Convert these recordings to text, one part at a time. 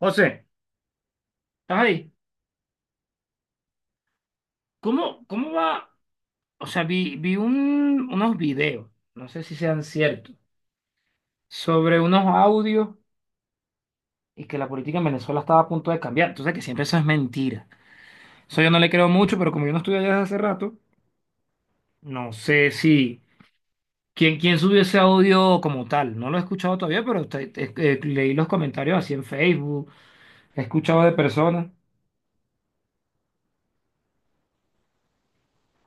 José, ay, ¿cómo va? O sea, unos videos, no sé si sean ciertos, sobre unos audios y que la política en Venezuela estaba a punto de cambiar. Entonces, que siempre eso es mentira. Eso yo no le creo mucho, pero como yo no estuve allá desde hace rato, no sé si... ¿Quién subió ese audio como tal? No lo he escuchado todavía, pero leí los comentarios así en Facebook, he escuchado de personas.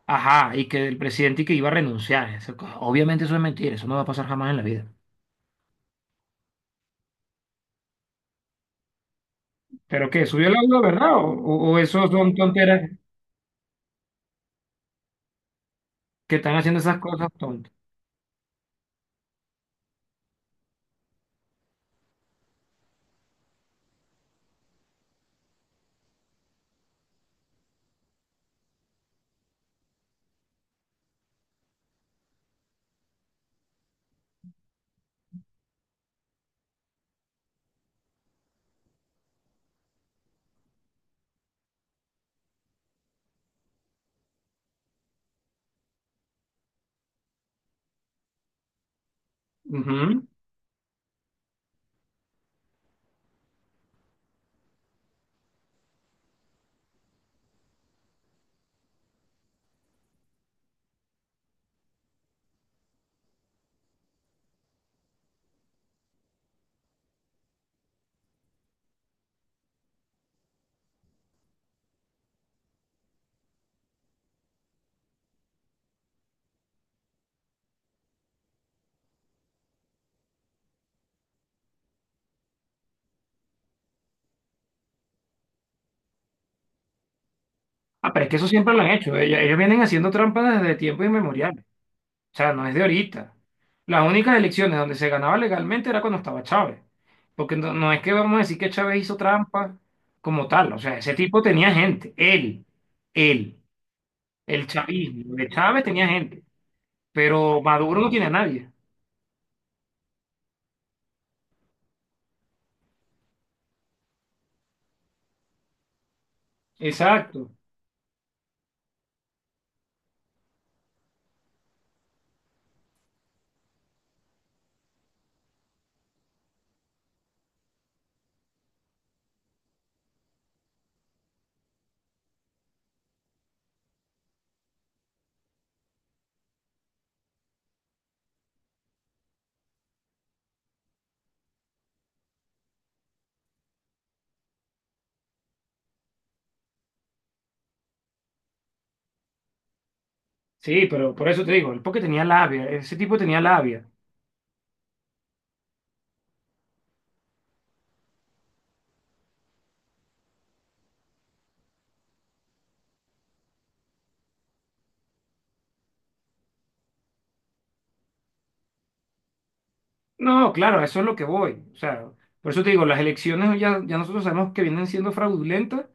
Ajá, y que el presidente y que iba a renunciar. Obviamente eso es mentira, eso no va a pasar jamás en la vida. ¿Pero qué? ¿Subió el audio, verdad? ¿O, o esos son tonteras que están haciendo esas cosas tontas? Ujú. Ah, pero es que eso siempre lo han hecho. Ellos vienen haciendo trampas desde tiempo inmemorial. O sea, no es de ahorita. Las únicas elecciones donde se ganaba legalmente era cuando estaba Chávez. Porque no es que vamos a decir que Chávez hizo trampa como tal. O sea, ese tipo tenía gente. Él, el chavismo de Chávez tenía gente. Pero Maduro no tiene a nadie. Exacto. Sí, pero por eso te digo, el porque tenía labia, ese tipo tenía labia. No, claro, a eso es lo que voy. O sea, por eso te digo, las elecciones ya nosotros sabemos que vienen siendo fraudulentas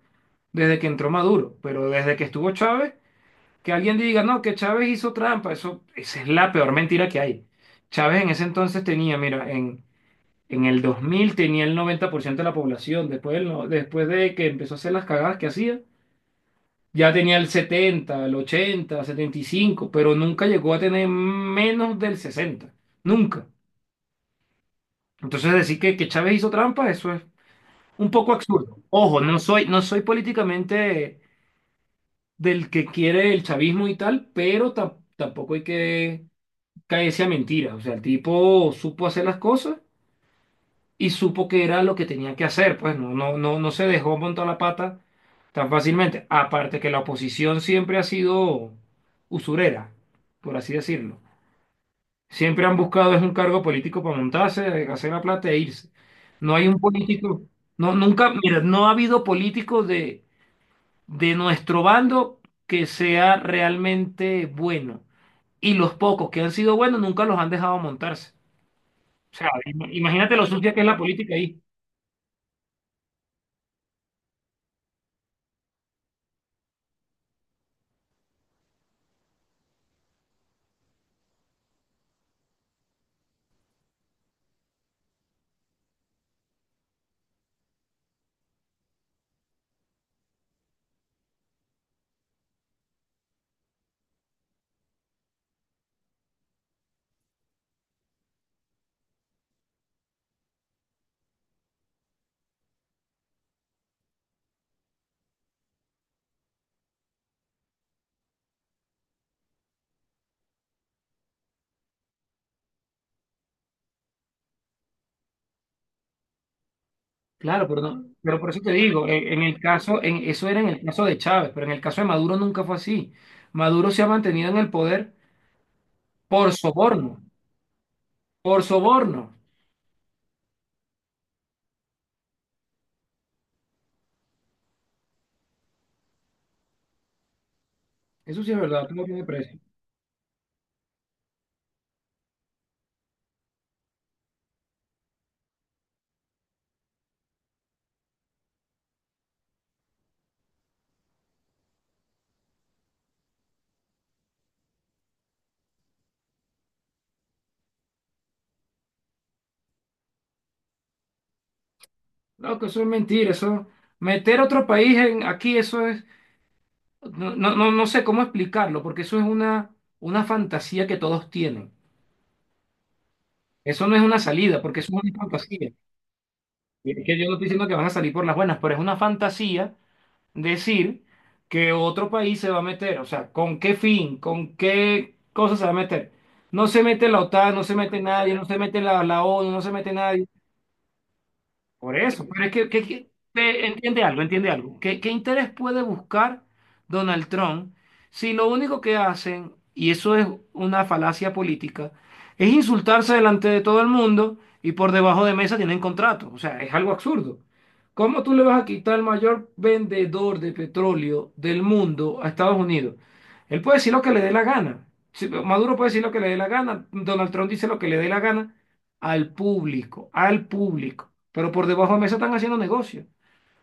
desde que entró Maduro, pero desde que estuvo Chávez, que alguien diga, no, que Chávez hizo trampa, eso, esa es la peor mentira que hay. Chávez en ese entonces tenía, mira, en el 2000 tenía el 90% de la población, después, del no- después de que empezó a hacer las cagadas que hacía, ya tenía el 70 el 80 75, pero nunca llegó a tener menos del 60 nunca. Entonces decir que Chávez hizo trampa, eso es un poco absurdo. Ojo, no soy políticamente del que quiere el chavismo y tal, pero tampoco hay que caerse a mentiras. O sea, el tipo supo hacer las cosas y supo que era lo que tenía que hacer. Pues no se dejó montar la pata tan fácilmente. Aparte que la oposición siempre ha sido usurera, por así decirlo. Siempre han buscado es un cargo político para montarse, hacer la plata e irse. No hay un político, no, nunca, mira, no ha habido políticos de nuestro bando que sea realmente bueno. Y los pocos que han sido buenos nunca los han dejado montarse. O sea, imagínate lo sucia que es la política ahí. Claro, pero no, pero por eso te digo, en el caso, en, eso era en el caso de Chávez, pero en el caso de Maduro nunca fue así. Maduro se ha mantenido en el poder por soborno, por soborno. Eso sí es verdad, tú no tienes precio. No, que eso es mentira, eso, meter otro país en, aquí, eso es, no, no sé cómo explicarlo, porque eso es una fantasía que todos tienen. Eso no es una salida, porque eso es una fantasía. Y es que yo no estoy diciendo que van a salir por las buenas, pero es una fantasía decir que otro país se va a meter. O sea, ¿con qué fin? ¿Con qué cosa se va a meter? No se mete la OTAN, no se mete nadie, no se mete la ONU, no se mete nadie. Por eso, pero es que, entiende algo, entiende algo. ¿Qué interés puede buscar Donald Trump si lo único que hacen, y eso es una falacia política, es insultarse delante de todo el mundo y por debajo de mesa tienen contrato? O sea, es algo absurdo. ¿Cómo tú le vas a quitar el mayor vendedor de petróleo del mundo a Estados Unidos? Él puede decir lo que le dé la gana. Maduro puede decir lo que le dé la gana, Donald Trump dice lo que le dé la gana al público, pero por debajo de mesa están haciendo negocio.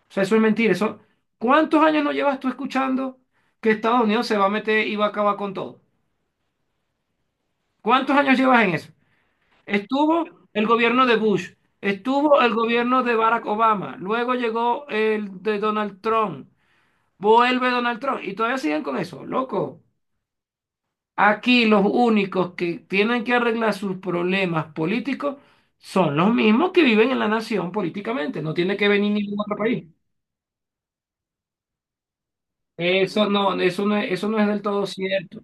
O sea, eso es mentira. Eso, ¿cuántos años no llevas tú escuchando que Estados Unidos se va a meter y va a acabar con todo? ¿Cuántos años llevas en eso? Estuvo el gobierno de Bush, estuvo el gobierno de Barack Obama, luego llegó el de Donald Trump, vuelve Donald Trump y todavía siguen con eso, loco. Aquí los únicos que tienen que arreglar sus problemas políticos son los mismos que viven en la nación políticamente. No tiene que venir ningún otro país. Eso no es del todo cierto.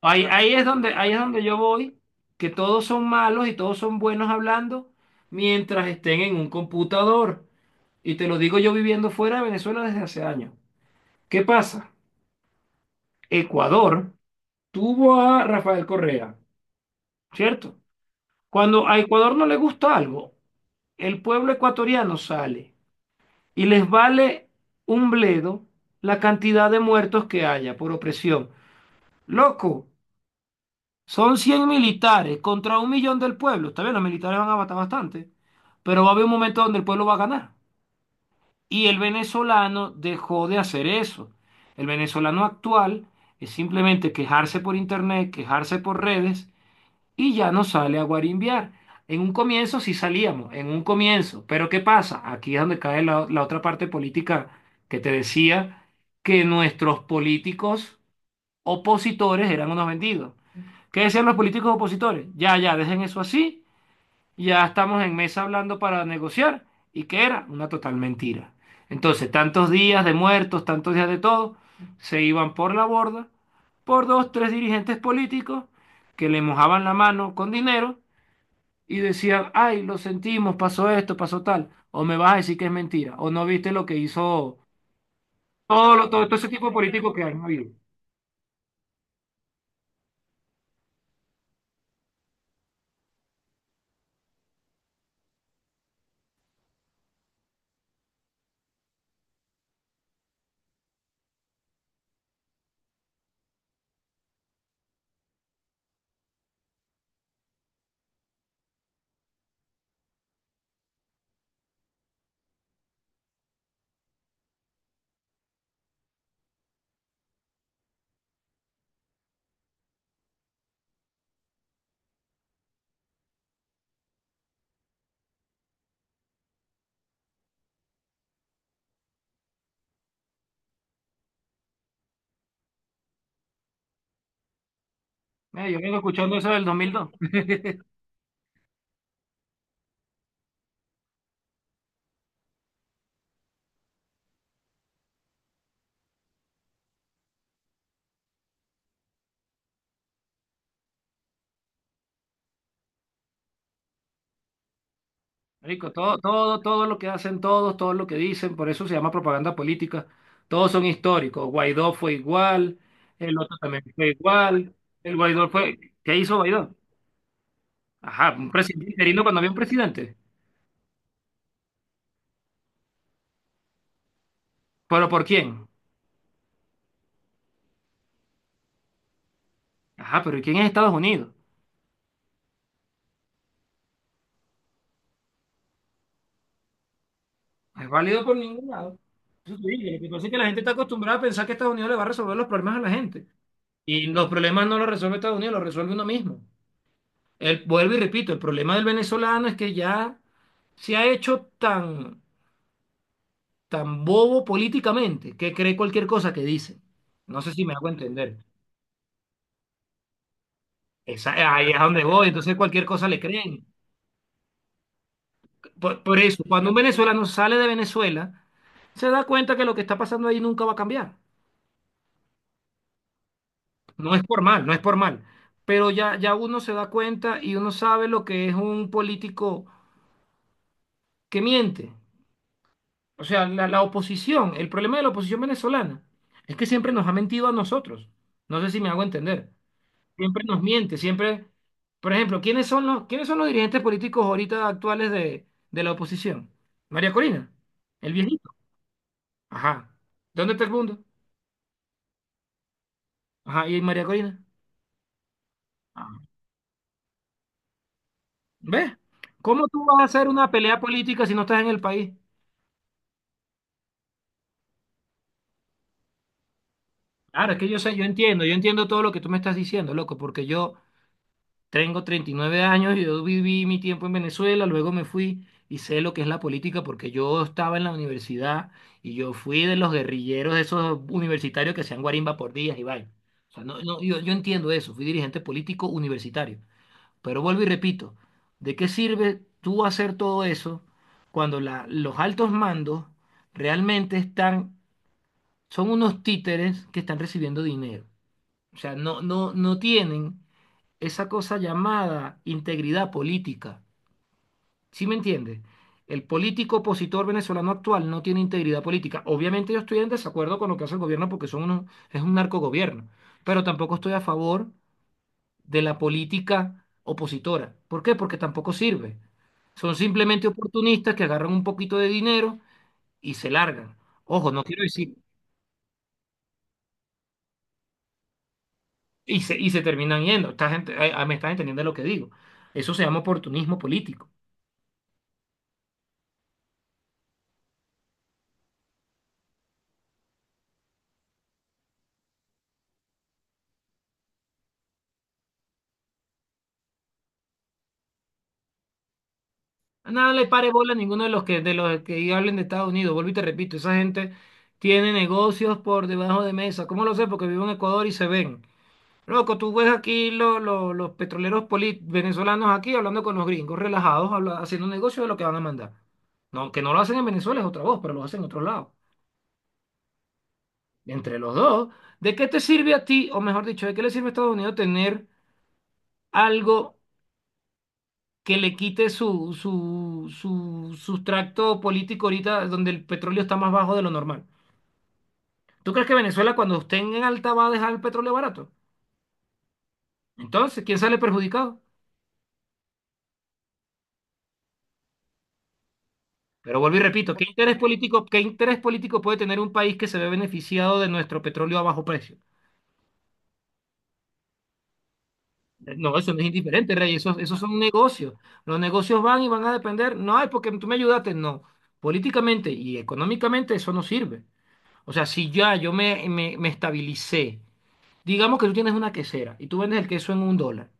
Ahí es donde yo voy, que todos son malos y todos son buenos hablando mientras estén en un computador. Y te lo digo yo viviendo fuera de Venezuela desde hace años. ¿Qué pasa? Ecuador tuvo a Rafael Correa, ¿cierto? Cuando a Ecuador no le gusta algo, el pueblo ecuatoriano sale y les vale un bledo la cantidad de muertos que haya por opresión. Loco, son 100 militares contra 1 millón del pueblo. Está bien, los militares van a matar bastante, pero va a haber un momento donde el pueblo va a ganar. Y el venezolano dejó de hacer eso. El venezolano actual es simplemente quejarse por internet, quejarse por redes y ya no sale a guarimbiar. En un comienzo sí salíamos, en un comienzo, pero ¿qué pasa? Aquí es donde cae la otra parte política que te decía, que nuestros políticos opositores eran unos vendidos. ¿Qué decían los políticos opositores? Ya, ya, dejen eso así, ya estamos en mesa hablando para negociar, y que era una total mentira. Entonces, tantos días de muertos, tantos días de todo, se iban por la borda por dos, tres dirigentes políticos que le mojaban la mano con dinero y decían, ay, lo sentimos, pasó esto, pasó tal, o me vas a decir que es mentira, o no viste lo que hizo todo, todo ese tipo de políticos que han habido. Mira, yo vengo escuchando eso del 2002. Rico, todo, todo, todo lo que hacen todos, todo lo que dicen, por eso se llama propaganda política. Todos son históricos. Guaidó fue igual, el otro también fue igual. El Guaidó fue. ¿Qué hizo Guaidó? Ajá, un presidente interino cuando había un presidente. ¿Pero por quién? Ajá, pero ¿y quién es Estados Unidos? No es válido por ningún lado. Eso te digo, lo que pasa es que la gente está acostumbrada a pensar que Estados Unidos le va a resolver los problemas a la gente. Y los problemas no los resuelve Estados Unidos, los resuelve uno mismo. El, vuelvo y repito, el problema del venezolano es que ya se ha hecho tan bobo políticamente que cree cualquier cosa que dice. No sé si me hago entender. Ahí es a donde voy, entonces cualquier cosa le creen. Por eso, cuando un venezolano sale de Venezuela, se da cuenta que lo que está pasando ahí nunca va a cambiar. No es por mal, pero ya uno se da cuenta y uno sabe lo que es un político que miente. O sea, la oposición, el problema de la oposición venezolana es que siempre nos ha mentido a nosotros. No sé si me hago entender. Siempre nos miente, siempre... Por ejemplo, quiénes son los dirigentes políticos ahorita actuales de la oposición? María Corina, el viejito. Ajá. ¿Dónde está el mundo? Ajá, ¿y María Corina? Ajá. ¿Ves? ¿Cómo tú vas a hacer una pelea política si no estás en el país? Claro, es que yo sé, yo entiendo todo lo que tú me estás diciendo, loco, porque yo tengo 39 años, y yo viví mi tiempo en Venezuela, luego me fui y sé lo que es la política porque yo estaba en la universidad y yo fui de los guerrilleros, de esos universitarios que hacían guarimba por días y vaina. O sea, no, no, yo entiendo eso, fui dirigente político universitario. Pero vuelvo y repito, ¿de qué sirve tú hacer todo eso cuando los altos mandos realmente están, son unos títeres que están recibiendo dinero? O sea, no tienen esa cosa llamada integridad política. ¿Sí me entiende? El político opositor venezolano actual no tiene integridad política. Obviamente yo estoy en desacuerdo con lo que hace el gobierno porque son es un narcogobierno, pero tampoco estoy a favor de la política opositora. ¿Por qué? Porque tampoco sirve. Son simplemente oportunistas que agarran un poquito de dinero y se largan. Ojo, no quiero decir, y se terminan yendo. Esta gente, me estás entendiendo lo que digo. Eso se llama oportunismo político. Nada, no le pare bola a ninguno de los que hablen de Estados Unidos. Vuelvo y te repito, esa gente tiene negocios por debajo de mesa. ¿Cómo lo sé? Porque vivo en Ecuador y se ven. Loco, tú ves aquí los petroleros venezolanos aquí hablando con los gringos, relajados, haciendo negocio de lo que van a mandar. No, que no lo hacen en Venezuela es otra voz, pero lo hacen en otros lados. Entre los dos, ¿de qué te sirve a ti, o mejor dicho, de qué le sirve a Estados Unidos tener algo que le quite su sustrato político ahorita donde el petróleo está más bajo de lo normal? ¿Tú crees que Venezuela cuando esté en alta va a dejar el petróleo barato? Entonces, ¿quién sale perjudicado? Pero vuelvo y repito, qué interés político puede tener un país que se ve beneficiado de nuestro petróleo a bajo precio? No, eso no es indiferente, Rey, esos son negocios. Los negocios van y van a depender, no ay, porque tú me ayudaste, no. Políticamente y económicamente eso no sirve. O sea, si ya yo me estabilicé. Digamos que tú tienes una quesera y tú vendes el queso en un dólar,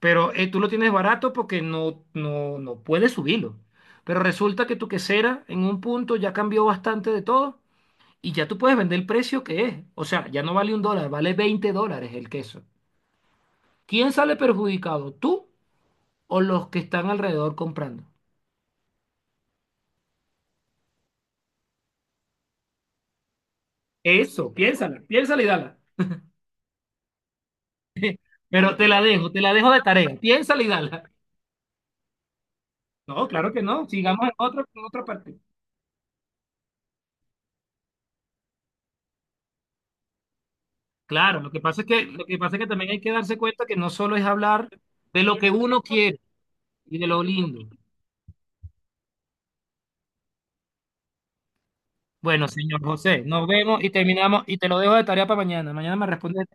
pero tú lo tienes barato porque no puedes subirlo. Pero resulta que tu quesera en un punto ya cambió bastante de todo y ya tú puedes vender el precio que es. O sea, ya no vale un dólar, vale $20 el queso. ¿Quién sale perjudicado? ¿Tú o los que están alrededor comprando? Eso, piénsala y dala. Pero te la dejo de tarea. Piénsala y dala. No, claro que no. Sigamos en en otra parte. Claro, lo que pasa es que también hay que darse cuenta que no solo es hablar de lo que uno quiere y de lo lindo. Bueno, señor José, nos vemos y terminamos y te lo dejo de tarea para mañana. Mañana me respondes.